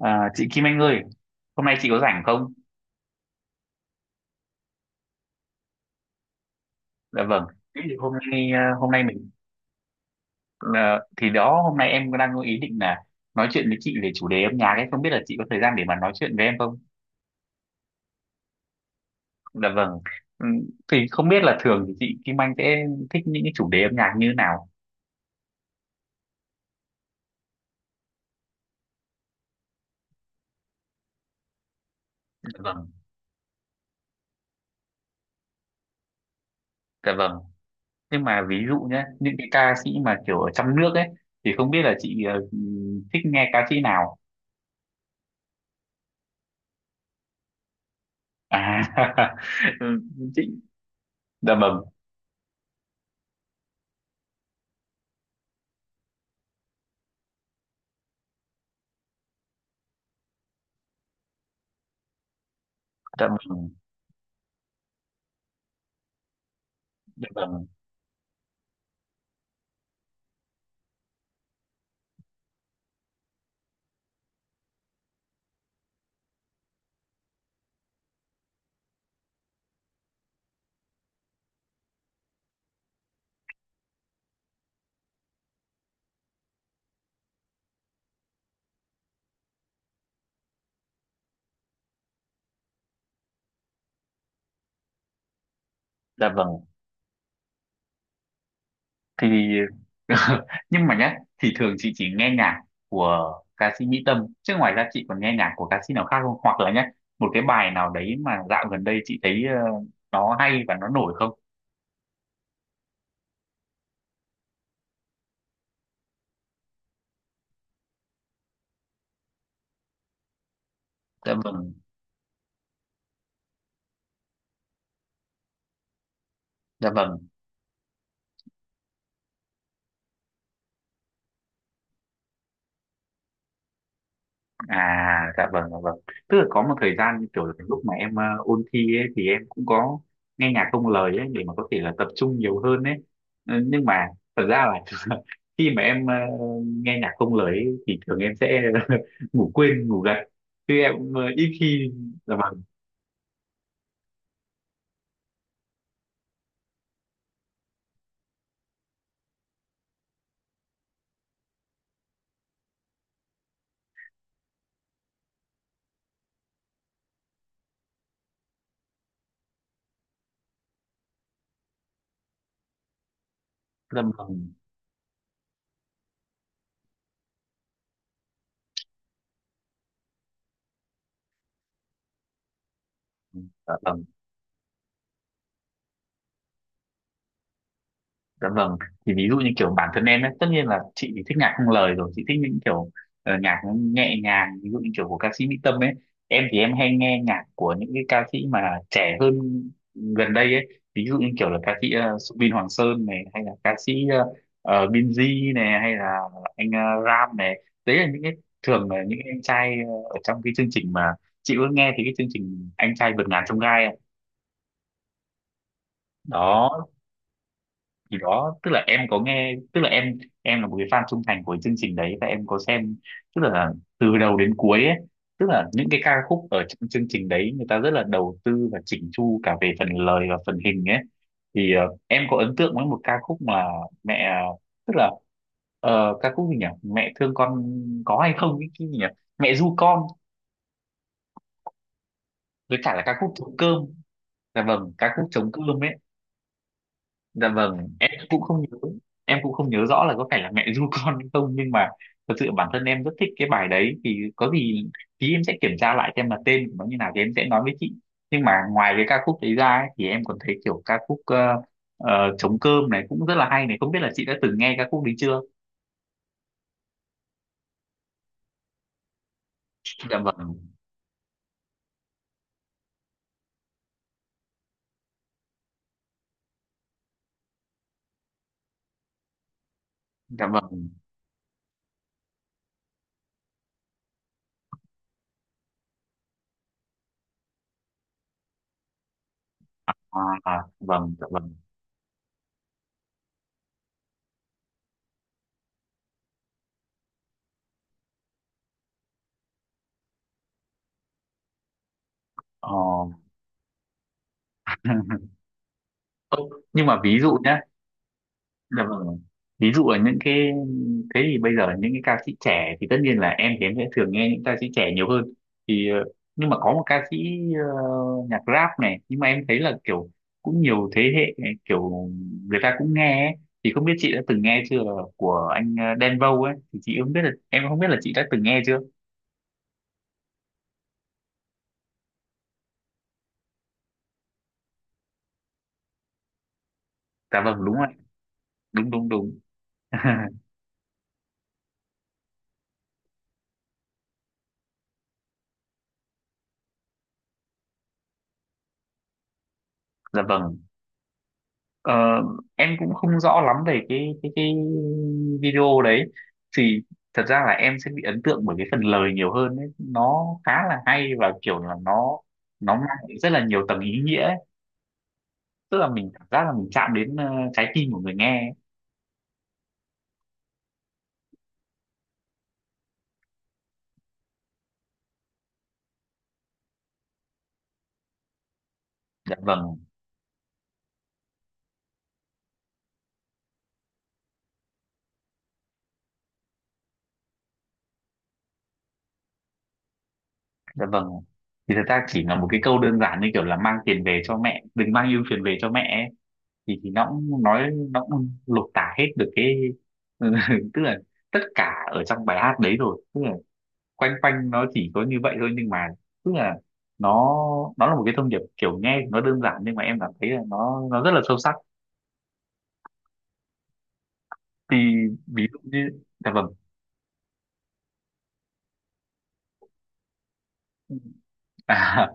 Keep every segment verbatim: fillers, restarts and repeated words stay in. À, Chị Kim Anh ơi, hôm nay chị có rảnh không? Dạ vâng. Thế thì Hôm nay à, hôm nay mình à, thì đó hôm nay em đang có ý định là nói chuyện với chị về chủ đề âm nhạc ấy, không biết là chị có thời gian để mà nói chuyện với em không? Dạ vâng. Ừ, thì không biết là thường thì chị Kim Anh sẽ thích những cái chủ đề âm nhạc như thế nào? Dạ vâng. Dạ vâng. Nhưng mà ví dụ nhé, những cái ca sĩ mà kiểu ở trong nước ấy thì không biết là chị ờ, thích nghe ca sĩ nào? À, ừ, chị dạ vâng, dạ vâng, dạ vâng, dạ vâng. Thì nhưng mà nhá thì thường chị chỉ nghe nhạc của ca sĩ Mỹ Tâm chứ ngoài ra chị còn nghe nhạc của ca sĩ nào khác không, hoặc là nhá một cái bài nào đấy mà dạo gần đây chị thấy ờ, nó hay và nó nổi không? Dạ vâng, dạ vâng. À dạ vâng, dạ vâng. Tức là có một thời gian kiểu là cái lúc mà em ờ, ôn thi ấy, thì em cũng có nghe nhạc không lời ấy để mà có thể là tập trung nhiều hơn ấy. Ừ, nhưng mà thật ra là khi mà em ờ, nghe nhạc không lời ấy, thì thường em sẽ ngủ quên ngủ gật chứ em ờ, ít khi. Dạ vâng, dạ vâng, dạ vâng. Dạ vâng, thì ví dụ như kiểu bản thân em ấy, tất nhiên là chị thì thích nhạc không lời rồi, chị thích những kiểu ờ, nhạc nó nhẹ nhàng, ví dụ như kiểu của ca sĩ Mỹ Tâm ấy. Em thì em hay nghe nhạc của những cái ca sĩ mà trẻ hơn gần đây ấy, ví dụ như kiểu là ca sĩ uh, Subin Hoàng Sơn này, hay là ca sĩ ờ, ờ, Binz này, hay là anh ờ, Ram này. Đấy là những cái thường là những anh trai ờ, ở trong cái chương trình mà chị có nghe thì cái chương trình Anh trai vượt ngàn chông gai ấy. Đó thì đó tức là em có nghe, tức là em em là một cái fan trung thành của chương trình đấy và em có xem tức là từ đầu đến cuối ấy, tức là những cái ca khúc ở trong chương trình đấy người ta rất là đầu tư và chỉnh chu cả về phần lời và phần hình ấy. Thì ờ, em có ấn tượng với một ca khúc mà mẹ, tức là ờ, ca khúc gì nhỉ, mẹ thương con có hay không, cái, cái gì nhỉ, mẹ ru con, với cả là ca khúc trống cơm. Dạ vâng, ca khúc trống cơm ấy. Dạ vâng, em cũng không nhớ, em cũng không nhớ rõ là có phải là mẹ ru con hay không, nhưng mà thật sự bản thân em rất thích cái bài đấy, thì có gì tí em sẽ kiểm tra lại xem là tên của nó như nào thì em sẽ nói với chị. Nhưng mà ngoài cái ca khúc đấy ra ấy, thì em còn thấy kiểu ca khúc ờ, ờ, trống cơm này cũng rất là hay này, không biết là chị đã từng nghe ca khúc đấy chưa? Dạ vâng, dạ vâng, à, à, vâng, dạ vâng. Ờ. Ô, nhưng mà ví dụ nhé. Dạ vâng. Ví dụ ở những cái Thế thì bây giờ những cái ca sĩ trẻ thì tất nhiên là em thì em sẽ thường nghe những ca sĩ trẻ nhiều hơn. Thì ờ, nhưng mà có một ca sĩ ờ, nhạc rap này, nhưng mà em thấy là kiểu cũng nhiều thế hệ kiểu người ta cũng nghe ấy. Thì không biết chị đã từng nghe chưa là của anh ờ, Đen Vâu ấy, thì chị không biết là em không biết là chị đã từng nghe chưa. Dạ vâng đúng rồi, đúng đúng đúng. Dạ vâng. Ờ, em cũng không rõ lắm về cái cái cái video đấy, thì thật ra là em sẽ bị ấn tượng bởi cái phần lời nhiều hơn ấy. Nó khá là hay và kiểu là nó nó mang lại rất là nhiều tầng ý nghĩa ấy. Tức là mình cảm giác là mình chạm đến ờ, trái tim của người nghe ấy. Dạ vâng, dạ vâng, thì thật ra chỉ là một cái câu đơn giản như kiểu là mang tiền về cho mẹ, đừng mang ưu phiền về cho mẹ ấy. thì thì nó cũng nói, nó cũng lột tả hết được cái tức là tất cả ở trong bài hát đấy rồi, tức là quanh quanh nó chỉ có như vậy thôi, nhưng mà tức là nó nó là một cái thông điệp kiểu nghe thì nó đơn giản nhưng mà em cảm thấy là nó nó rất là sâu sắc. Thì ví dụ như dạ vâng à,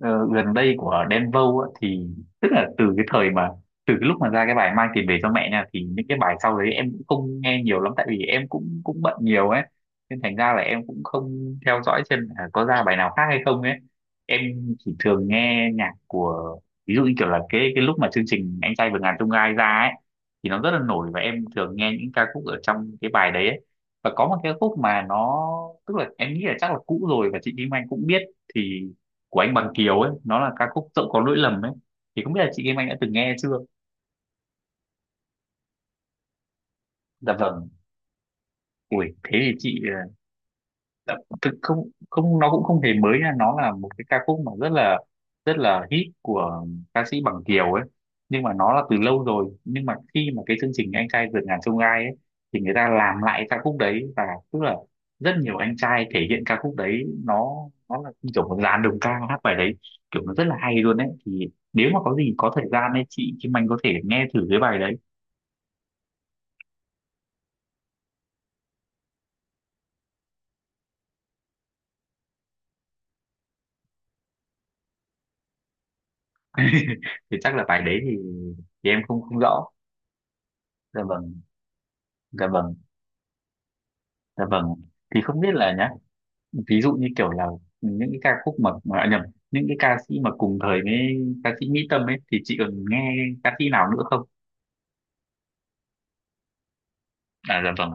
ờ, gần đây của Đen Vâu á, thì tức là từ cái thời mà từ cái lúc mà ra cái bài mang tiền về cho mẹ nha, thì những cái bài sau đấy em cũng không nghe nhiều lắm tại vì em cũng cũng bận nhiều ấy, nên thành ra là em cũng không theo dõi xem là có ra bài nào khác hay không ấy. Em chỉ thường nghe nhạc của ví dụ như kiểu là cái cái lúc mà chương trình Anh trai vượt ngàn chông gai ra ấy thì nó rất là nổi và em thường nghe những ca khúc ở trong cái bài đấy ấy. Và có một cái khúc mà nó tức là em nghĩ là chắc là cũ rồi và chị Kim Anh cũng biết, thì của anh Bằng Kiều ấy, nó là ca khúc dẫu có lỗi lầm ấy, thì không biết là chị Kim Anh đã từng nghe chưa. Dạ vâng, ui thế thì chị dạ, thực không không, nó cũng không hề mới nha, nó là một cái ca khúc mà rất là rất là hit của ca sĩ Bằng Kiều ấy, nhưng mà nó là từ lâu rồi, nhưng mà khi mà cái chương trình anh trai vượt ngàn chông gai ấy thì người ta làm lại ca khúc đấy và tức là rất nhiều anh trai thể hiện ca khúc đấy, nó nó là như kiểu một dàn đồng ca hát bài đấy, kiểu nó rất là hay luôn ấy, thì nếu mà có gì có thời gian ấy chị Kim Anh có thể nghe thử cái bài đấy. Thì chắc là bài đấy thì, thì em không không rõ. Dạ vâng, dạ vâng. Dạ vâng. Thì không biết là nhá, ví dụ như kiểu là những cái ca khúc mà, mà à, nhầm, những cái ca sĩ mà cùng thời với ca sĩ Mỹ Tâm ấy thì chị còn nghe ca sĩ nào nữa không? À dạ vâng.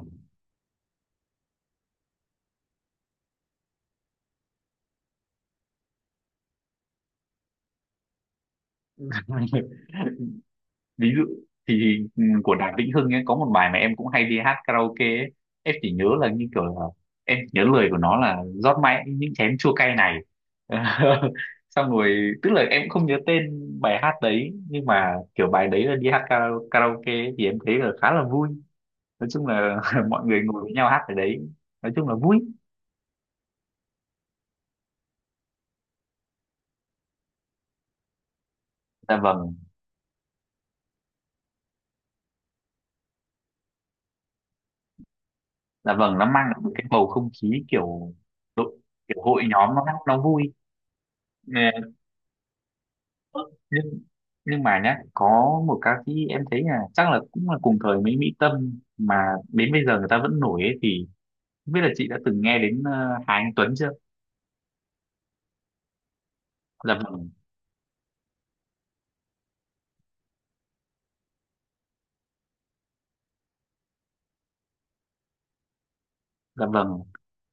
Ví dụ thì ừ, của Đàm Vĩnh Hưng ấy có một bài mà em cũng hay đi hát karaoke ấy. Em chỉ nhớ là như kiểu là em nhớ lời của nó là rót mãi những chén chua cay này. Xong rồi tức là em cũng không nhớ tên bài hát đấy nhưng mà kiểu bài đấy là đi hát kara- karaoke ấy, thì em thấy là khá là vui. Nói chung là mọi người ngồi với nhau hát ở đấy nói chung là vui. Dạ vâng, dạ vâng, nó mang lại một cái bầu không khí kiểu đội kiểu hội nhóm nó nó vui. Nè, nhưng nhưng mà nhá có một ca sĩ em thấy là chắc là cũng là cùng thời với Mỹ Tâm mà đến bây giờ người ta vẫn nổi ấy, thì không biết là chị đã từng nghe đến ờ, Hà Anh Tuấn chưa. Dạ vâng, dạ vâng,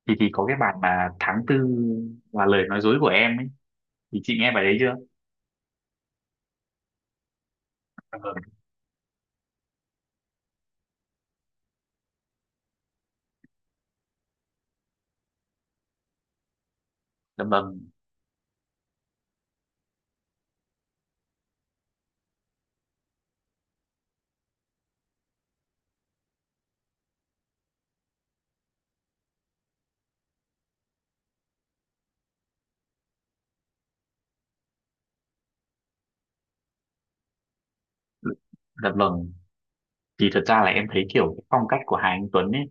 thì thì có cái bài mà tháng tư là lời nói dối của em ấy, thì chị nghe bài đấy chưa. Dạ vâng, dạ vâng, dạ vâng, thì thật ra là em thấy kiểu cái phong cách của Hà Anh Tuấn ấy,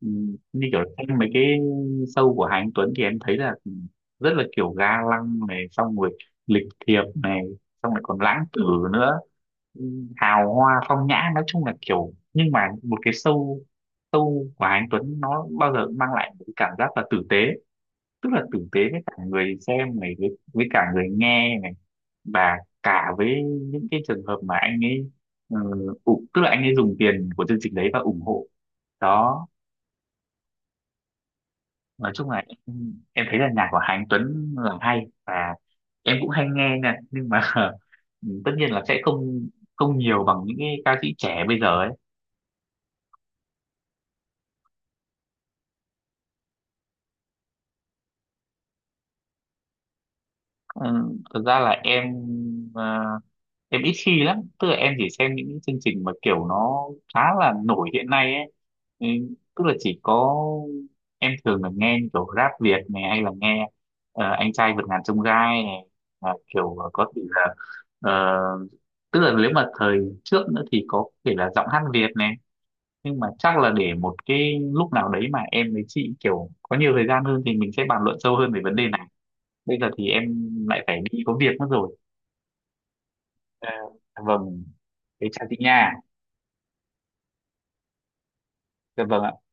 ừm, như kiểu xem mấy cái show của Hà Anh Tuấn thì em thấy là rất là kiểu ga lăng này, xong rồi lịch thiệp này, xong lại còn lãng tử nữa, ừm, hào hoa phong nhã, nói chung là kiểu nhưng mà một cái show show của Hà Anh Tuấn nó bao giờ cũng mang lại một cái cảm giác là tử tế, tức là tử tế với cả người xem này, với, với cả người nghe này và cả với những cái trường hợp mà anh ấy ờ, ủng- tức là anh ấy dùng tiền của chương trình đấy và ủng hộ đó. Nói chung là em, em thấy là nhạc của Hà Anh Tuấn là hay và em cũng hay nghe nha, nhưng mà tất nhiên là sẽ không không nhiều bằng những cái ca sĩ trẻ bây giờ ấy. Ừ, thực ra là em ờ, em ít khi lắm, tức là em chỉ xem những cái chương trình mà kiểu nó khá là nổi hiện nay ấy, ừ, tức là chỉ có em thường là nghe như kiểu rap Việt này hay là nghe ờ, anh trai vượt ngàn chông gai này là kiểu có thể là ờ, tức là nếu mà thời trước nữa thì có thể là giọng hát Việt này, nhưng mà chắc là để một cái lúc nào đấy mà em với chị kiểu có nhiều thời gian hơn thì mình sẽ bàn luận sâu hơn về vấn đề này. Bây giờ thì em lại phải đi có việc mất rồi. Ờ, vâng, thế chào chị nha. Dạ vâng ạ.